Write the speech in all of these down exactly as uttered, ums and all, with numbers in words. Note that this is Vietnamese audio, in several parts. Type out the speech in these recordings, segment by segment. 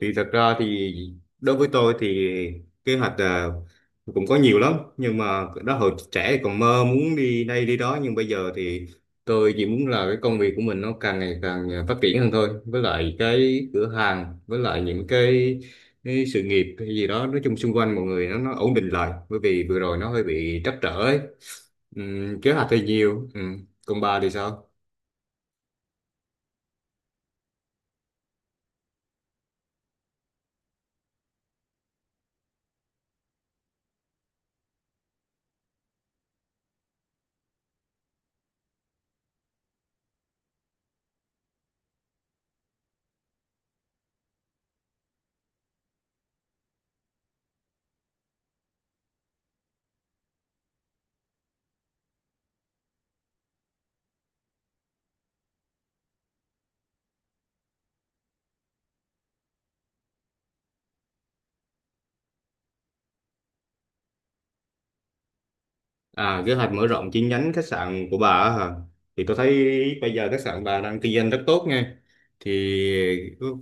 Thì thật ra thì đối với tôi thì kế hoạch à, cũng có nhiều lắm, nhưng mà đó hồi trẻ thì còn mơ muốn đi đây đi đó, nhưng bây giờ thì tôi chỉ muốn là cái công việc của mình nó càng ngày càng à, phát triển hơn thôi, với lại cái cửa hàng, với lại những cái, cái sự nghiệp hay gì đó, nói chung xung quanh mọi người nó nó ổn định lại, bởi vì vừa rồi nó hơi bị trắc trở ấy. Ừm, kế hoạch thì nhiều. Ừm, còn bà thì sao? À, kế hoạch mở rộng chi nhánh khách sạn của bà á hả? Thì tôi thấy bây giờ khách sạn bà đang kinh doanh rất tốt nha. Thì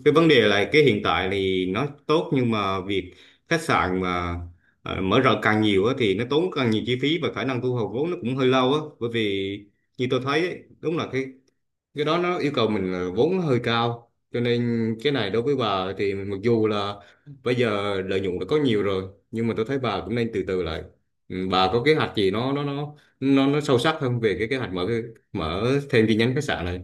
cái vấn đề là cái hiện tại thì nó tốt, nhưng mà việc khách sạn mà ờ, mở rộng càng nhiều á, thì nó tốn càng nhiều chi phí và khả năng thu hồi vốn nó cũng hơi lâu á. Bởi vì như tôi thấy ấy, đúng là cái cái đó nó yêu cầu mình là vốn nó hơi cao, cho nên cái này đối với bà thì mặc dù là bây giờ lợi nhuận đã có nhiều rồi, nhưng mà tôi thấy bà cũng nên từ từ lại. Ừ, bà có kế hoạch gì nó nó nó nó nó sâu sắc hơn về cái kế hoạch mở cái, mở thêm chi nhánh khách sạn này.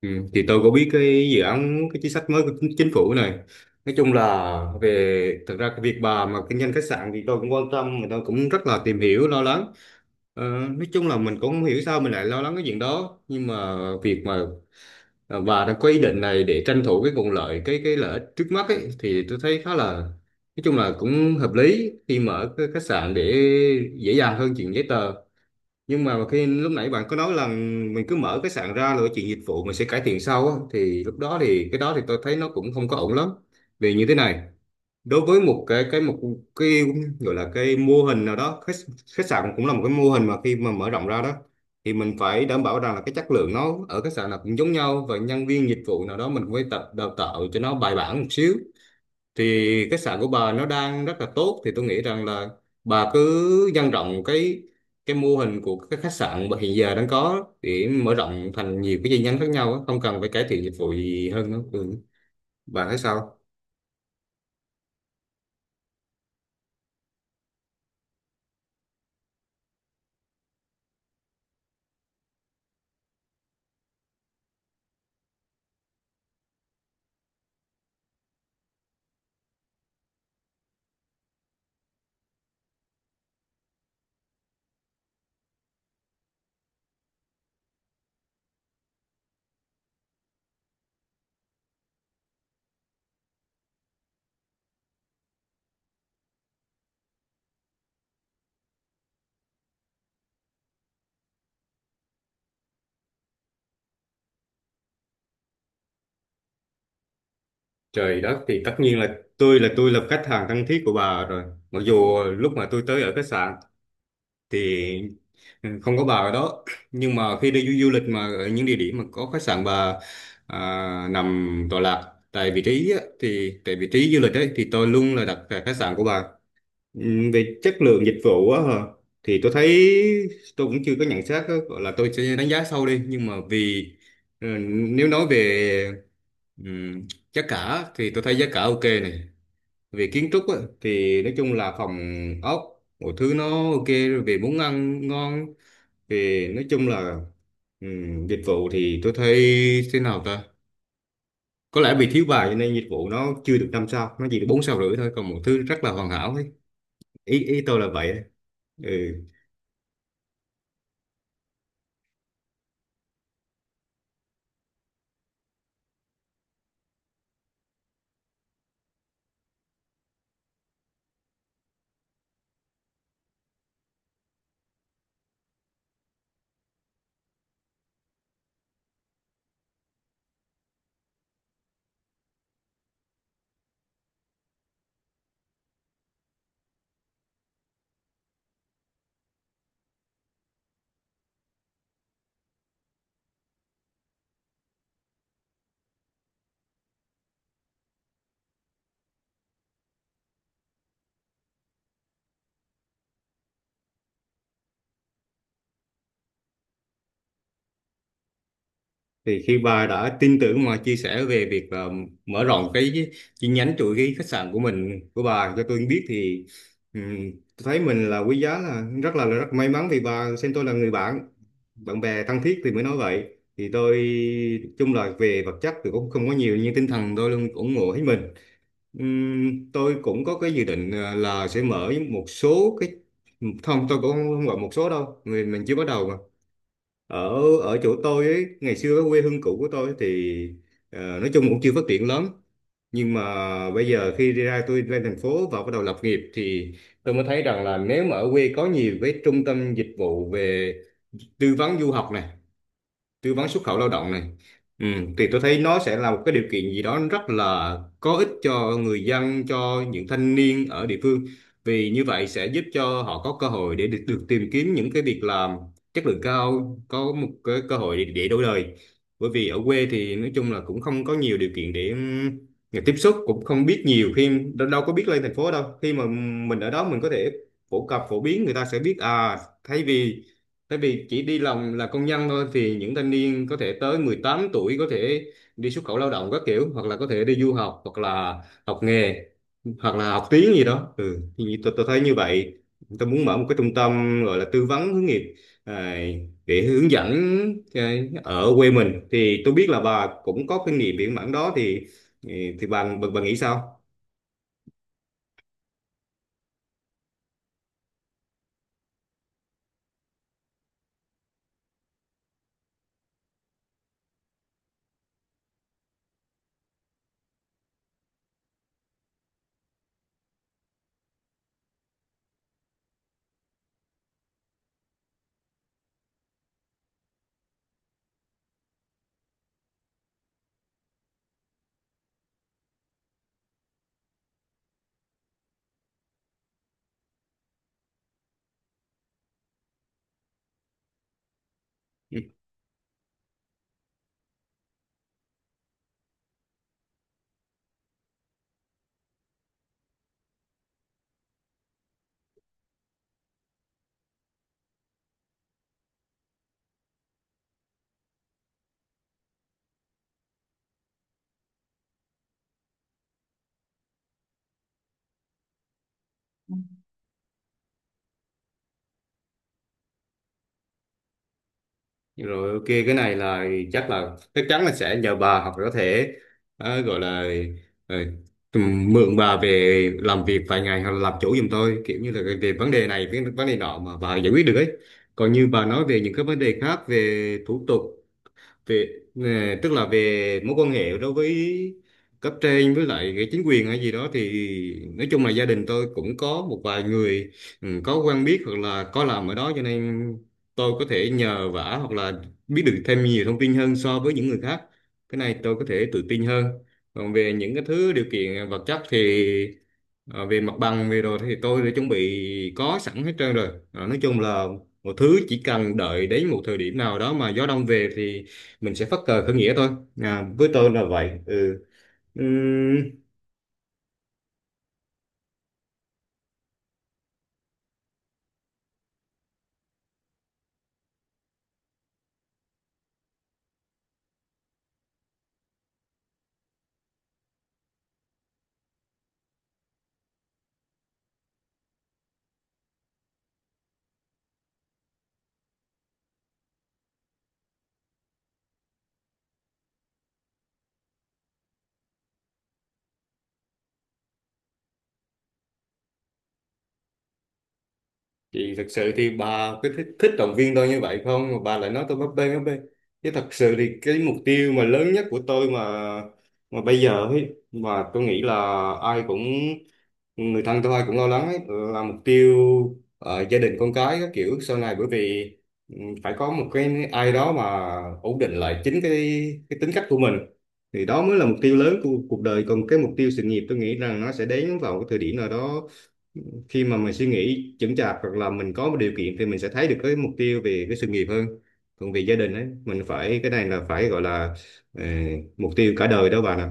Ừ, thì tôi có biết cái dự án, cái chính sách mới của chính, chính phủ này. Nói chung là về thật ra cái việc bà mà kinh doanh khách sạn thì tôi cũng quan tâm, mà tôi cũng rất là tìm hiểu lo lắng. Ờ, nói chung là mình cũng không hiểu sao mình lại lo lắng cái chuyện đó, nhưng mà việc mà Ờ, và đã có ý định này để tranh thủ cái nguồn lợi, cái cái lợi ích trước mắt ấy, thì tôi thấy khá là, nói chung là cũng hợp lý khi mở cái khách sạn để dễ dàng hơn chuyện giấy tờ. Nhưng mà khi lúc nãy bạn có nói là mình cứ mở khách sạn ra rồi chuyện dịch vụ mình sẽ cải thiện sau á, thì lúc đó thì cái đó thì tôi thấy nó cũng không có ổn lắm. Vì như thế này, đối với một cái cái một cái gọi là cái mô hình nào đó, khách, khách sạn cũng là một cái mô hình mà khi mà mở rộng ra đó thì mình phải đảm bảo rằng là cái chất lượng nó ở khách sạn nào cũng giống nhau, và nhân viên dịch vụ nào đó mình cũng phải tập đào tạo cho nó bài bản một xíu. Thì khách sạn của bà nó đang rất là tốt, thì tôi nghĩ rằng là bà cứ nhân rộng cái cái mô hình của cái khách sạn mà hiện giờ đang có để mở rộng thành nhiều cái chi nhánh khác nhau á, không cần phải cải thiện dịch vụ gì hơn nữa ừ. Bà thấy sao? Trời đất, thì tất nhiên là tôi là tôi là khách hàng thân thiết của bà rồi. Mặc dù lúc mà tôi tới ở khách sạn thì không có bà ở đó, nhưng mà khi đi du, du lịch mà ở những địa điểm mà có khách sạn bà à, nằm tọa lạc tại vị trí á, thì tại vị trí du lịch ấy, thì tôi luôn là đặt tại khách sạn của bà. Ừ, về chất lượng dịch vụ á hả? Thì tôi thấy tôi cũng chưa có nhận xét á, gọi là tôi sẽ đánh giá sâu đi, nhưng mà vì ừ, nếu nói về ừm, giá cả thì tôi thấy giá cả ok này, về kiến trúc á, thì nói chung là phòng ốc mọi thứ nó ok rồi, về món ăn ngon, về nói chung là ừm, dịch vụ thì tôi thấy thế nào ta, có lẽ vì thiếu bài cho nên dịch vụ nó chưa được năm sao, nó chỉ được bốn sao rưỡi thôi, còn mọi thứ rất là hoàn hảo ấy. Ý ý tôi là vậy ấy. Ừ, thì khi bà đã tin tưởng mà chia sẻ về việc ờ, mở rộng cái chi nhánh, chuỗi cái khách sạn của mình, của bà cho tôi biết thì ừm, tôi thấy mình là quý giá, là rất là, là rất may mắn vì bà xem tôi là người bạn, bạn bè thân thiết thì mới nói vậy. Thì tôi chung là về vật chất thì cũng không có nhiều, nhưng tinh thần tôi luôn ủng hộ hết mình. Ừm, tôi cũng có cái dự định ờ, là sẽ mở một số cái, không tôi cũng không gọi một số đâu, người mình chưa bắt đầu mà, ở ở chỗ tôi ấy, ngày xưa cái quê hương cũ của tôi thì ờ, nói chung cũng chưa phát triển lắm, nhưng mà bây giờ khi đi ra tôi lên thành phố và bắt đầu lập nghiệp thì tôi mới thấy rằng là nếu mà ở quê có nhiều cái trung tâm dịch vụ về tư vấn du học này, tư vấn xuất khẩu lao động này, ừ, thì tôi thấy nó sẽ là một cái điều kiện gì đó rất là có ích cho người dân, cho những thanh niên ở địa phương. Vì như vậy sẽ giúp cho họ có cơ hội để được, được tìm kiếm những cái việc làm chất lượng cao, có một cái cơ hội để, để đổi đời. Bởi vì ở quê thì nói chung là cũng không có nhiều điều kiện để ừm, người tiếp xúc cũng không biết nhiều, khi đâu, đâu có biết lên thành phố đâu, khi mà mình ở đó mình có thể phổ cập phổ biến người ta sẽ biết à, thay vì tại vì chỉ đi làm là công nhân thôi, thì những thanh niên có thể tới mười tám tuổi có thể đi xuất khẩu lao động các kiểu, hoặc là có thể đi du học, hoặc là học nghề, hoặc là học tiếng gì đó. Ừ, thì tôi, tôi thấy như vậy. Tôi muốn mở một cái trung tâm gọi là tư vấn hướng nghiệp à, để hướng dẫn cái- ở quê mình thì tôi biết là bà cũng có kinh nghiệm biển mảng đó thì thì bà bà, bà nghĩ sao? Rồi ok, cái này là chắc là chắc chắn là sẽ nhờ bà, hoặc là có thể ờ, gọi là ờ, tùm- mượn bà về làm việc vài ngày, hoặc là làm chủ giùm tôi, kiểu như là về vấn đề này cái vấn đề nọ mà bà giải quyết được ấy. Còn như bà nói về những cái vấn đề khác về thủ tục về nè, tức là về mối quan hệ đối với cấp trên với lại cái chính quyền hay gì đó, thì nói chung là gia đình tôi cũng có một vài người ừ, có quen biết hoặc là có làm ở đó, cho nên tôi có thể nhờ vả hoặc là biết được thêm nhiều thông tin hơn so với những người khác. Cái này tôi có thể tự tin hơn. Còn về những cái thứ điều kiện vật chất thì Ờ, về mặt bằng về rồi thì tôi đã chuẩn bị có sẵn hết trơn rồi. Ờ, nói chung là một thứ chỉ cần đợi đến một thời điểm nào đó mà gió đông về thì mình sẽ phất cờ khởi nghĩa thôi, à, với tôi là vậy ừ. Ừm, thì thật sự thì bà cứ thích, thích động viên tôi như vậy không, mà bà lại nói tôi bấp bênh bấp bênh. Chứ thật sự thì cái mục tiêu mà lớn nhất của tôi mà mà bây giờ ấy mà tôi nghĩ là ai cũng, người thân tôi cũng lo lắng ấy, là mục tiêu ờ, gia đình con cái các kiểu sau này. Bởi vì ừ, phải có một cái ai đó mà ổn định lại chính cái cái tính cách của mình, thì đó mới là mục tiêu lớn của cuộc đời. Còn cái mục tiêu sự nghiệp tôi nghĩ rằng nó sẽ đến vào cái thời điểm nào đó, khi mà mình suy nghĩ chững chạc hoặc là mình có một điều kiện thì mình sẽ thấy được cái mục tiêu về cái sự nghiệp hơn. Còn về gia đình ấy mình phải, cái này là phải gọi là ờ, mục tiêu cả đời đó bà nè.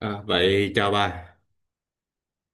À, vậy chào bà.